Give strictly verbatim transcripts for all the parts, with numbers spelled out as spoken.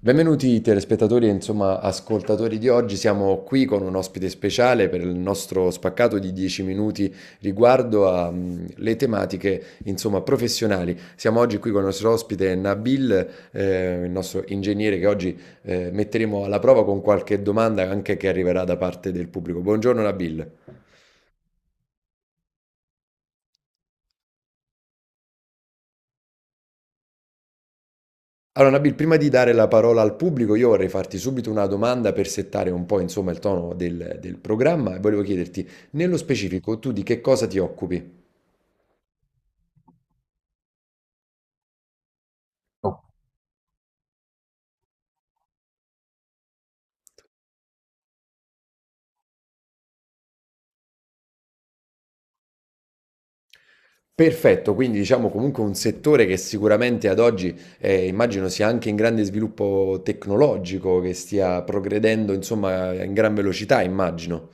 Benvenuti telespettatori e insomma ascoltatori di oggi, siamo qui con un ospite speciale per il nostro spaccato di dieci minuti riguardo alle tematiche insomma professionali. Siamo oggi qui con il nostro ospite Nabil, eh, il nostro ingegnere che oggi eh, metteremo alla prova con qualche domanda anche che arriverà da parte del pubblico. Buongiorno Nabil. Allora, Nabil, prima di dare la parola al pubblico, io vorrei farti subito una domanda per settare un po', insomma, il tono del, del programma e volevo chiederti, nello specifico, tu di che cosa ti occupi? Perfetto, quindi diciamo comunque un settore che sicuramente ad oggi eh, immagino sia anche in grande sviluppo tecnologico, che stia progredendo, insomma, in gran velocità, immagino.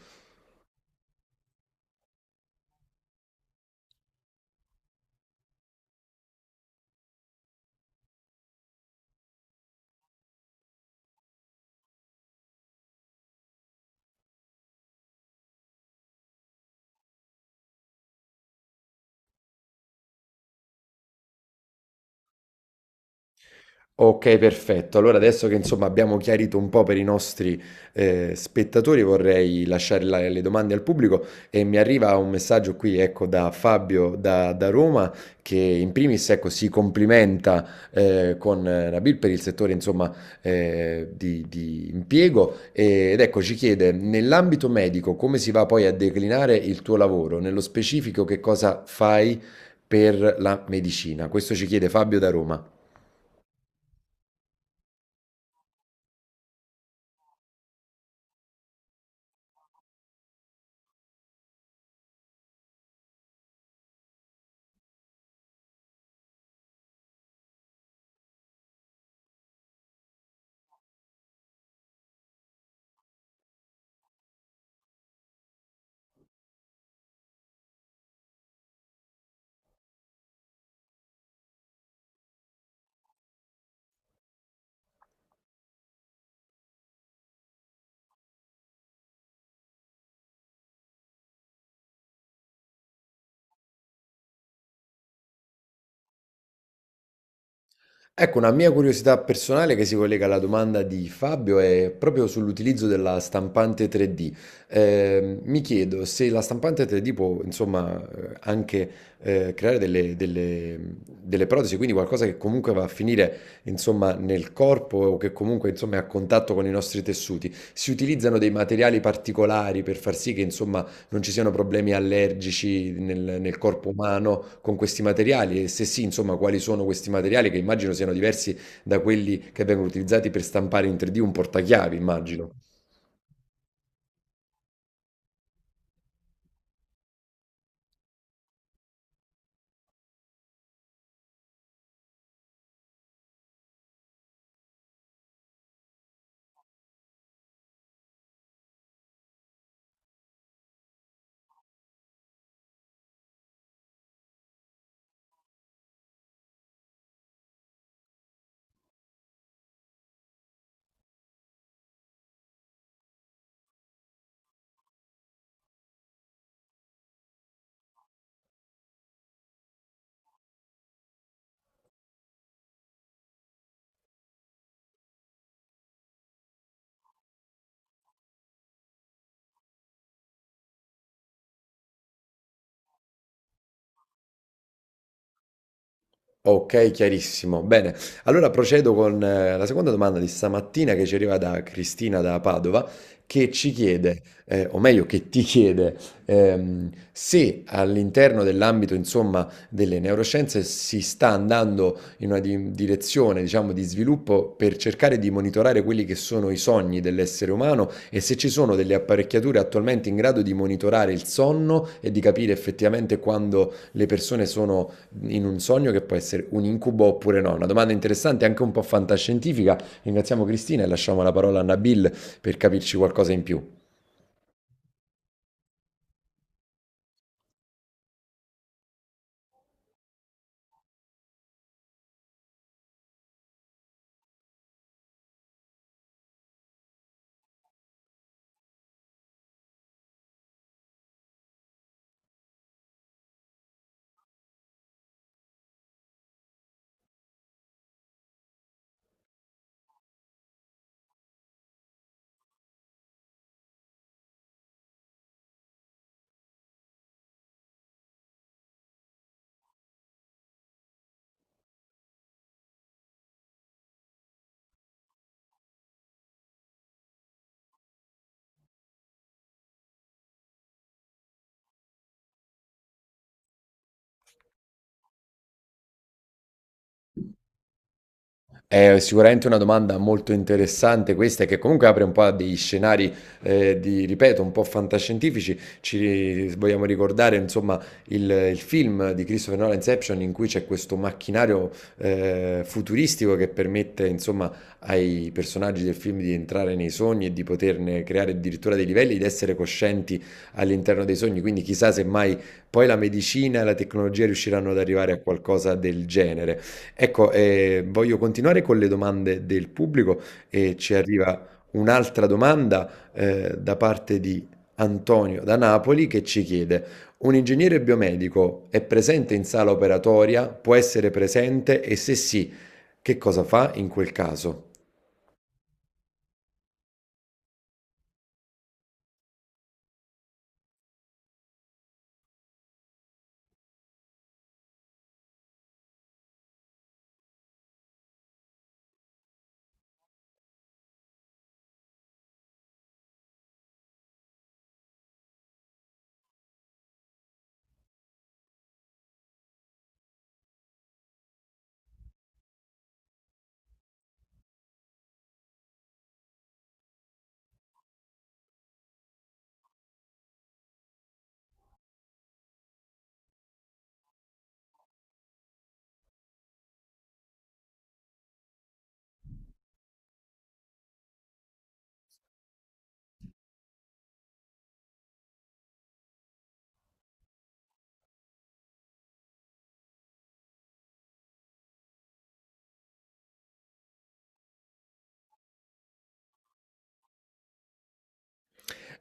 Ok, perfetto. Allora adesso che insomma abbiamo chiarito un po' per i nostri eh, spettatori, vorrei lasciare la- le domande al pubblico e mi arriva un messaggio qui, ecco, da Fabio da, da Roma che in primis, ecco, si complimenta eh, con eh, Nabil per il settore, insomma, eh, di, di impiego e- ed ecco, ci chiede, nell'ambito medico, come si va poi a declinare il tuo lavoro? Nello specifico, che cosa fai per la medicina? Questo ci chiede Fabio da Roma. Ecco, una mia curiosità personale che si collega alla domanda di Fabio è proprio sull'utilizzo della stampante tre D. Ehm, mi chiedo se la stampante tre D può, insomma, eh, anche eh, creare delle, delle- delle protesi, quindi qualcosa che comunque va a finire, insomma, nel corpo o che comunque, insomma, è a contatto con i nostri tessuti. Si utilizzano dei materiali particolari per far sì che, insomma, non ci siano problemi allergici nel, nel corpo umano con questi materiali e se sì, insomma, quali sono questi materiali che immagino siano diversi da quelli che vengono utilizzati per stampare in tre D un portachiavi, immagino. Ok, chiarissimo. Bene, allora procedo con eh, la seconda domanda di stamattina che ci arriva da Cristina da Padova, che ci chiede, eh, o meglio che ti chiede, ehm, se all'interno dell'ambito, insomma, delle neuroscienze si sta andando in una di- direzione, diciamo, di sviluppo per cercare di monitorare quelli che sono i sogni dell'essere umano e se ci sono delle apparecchiature attualmente in grado di monitorare il sonno e di capire effettivamente quando le persone sono in un sogno che può essere un incubo oppure no. Una domanda interessante, anche un po' fantascientifica. Ringraziamo Cristina e lasciamo la parola a Nabil per capirci qualcosa in più. È sicuramente una domanda molto interessante questa e che comunque apre un po' a degli scenari, ehm, di ripeto, un po' fantascientifici. Ci vogliamo ricordare, insomma, il il film di Christopher Nolan, Inception, in cui c'è questo macchinario, ehm, futuristico che permette, insomma, ai personaggi del film di entrare nei sogni e di poterne creare addirittura dei livelli, di essere coscienti all'interno dei sogni. Quindi chissà se mai poi la medicina e la tecnologia riusciranno ad arrivare a qualcosa del genere. Ecco, eh, voglio continuare con le domande del pubblico e ci arriva un'altra domanda eh, da parte di Antonio da Napoli che ci chiede: un ingegnere biomedico è presente in sala operatoria? Può essere presente? E se sì, che cosa fa in quel caso?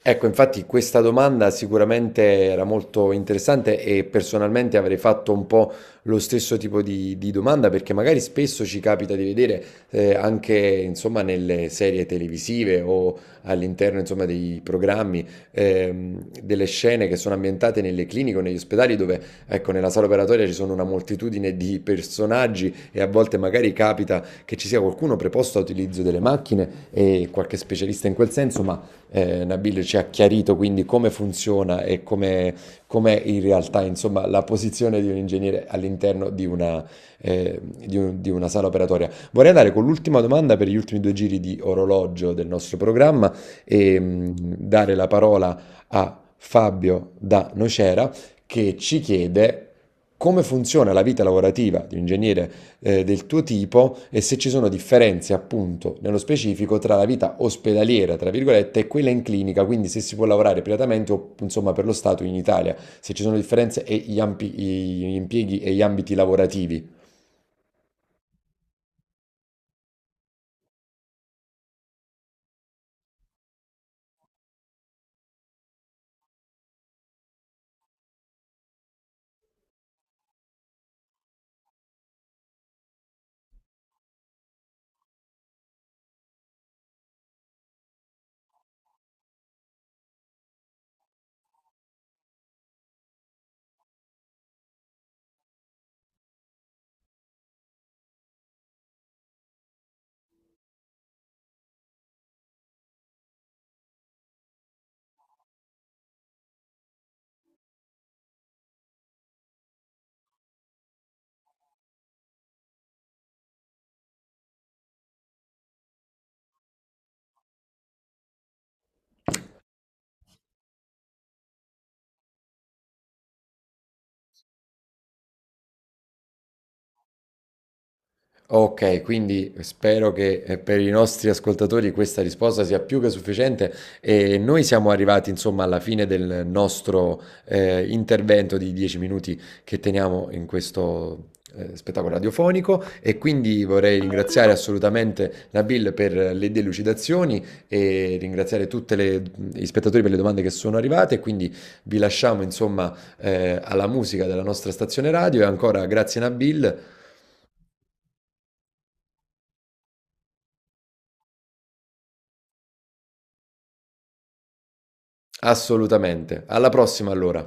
Ecco, infatti questa domanda sicuramente era molto interessante e personalmente avrei fatto un po' lo stesso tipo di, di domanda perché magari spesso ci capita di vedere eh, anche insomma nelle serie televisive o all'interno insomma dei programmi ehm, delle scene che sono ambientate nelle cliniche o negli ospedali dove ecco nella sala operatoria ci sono una moltitudine di personaggi e a volte magari capita che ci sia qualcuno preposto all'utilizzo delle macchine e qualche specialista in quel senso, ma eh, Nabil ci ha chiarito quindi come funziona e come, com'è in realtà insomma, la posizione di un ingegnere all'interno di una, eh, di un- di una sala operatoria. Vorrei andare con l'ultima domanda per gli ultimi due giri di orologio del nostro programma e mh, dare la parola a Fabio da Nocera che ci chiede come funziona la vita lavorativa di un ingegnere eh, del tuo tipo e se ci sono differenze, appunto, nello specifico tra la vita ospedaliera, tra virgolette, e quella in clinica, quindi se si può lavorare privatamente o insomma per lo Stato in Italia, se ci sono differenze e gli ampi- gli impieghi e gli ambiti lavorativi. Okay, quindi spero che, ehm, per i nostri ascoltatori questa risposta sia più che sufficiente e noi siamo arrivati insomma alla fine del nostro, ehm, intervento di dieci minuti che teniamo in questo, ehm, spettacolo radiofonico e quindi vorrei ringraziare assolutamente Nabil per le delucidazioni e ringraziare tutte le mhmm, gli spettatori per le domande che sono arrivate e quindi vi lasciamo insomma, ehm, alla musica della nostra stazione radio e ancora grazie Nabil. Assolutamente. Alla prossima allora.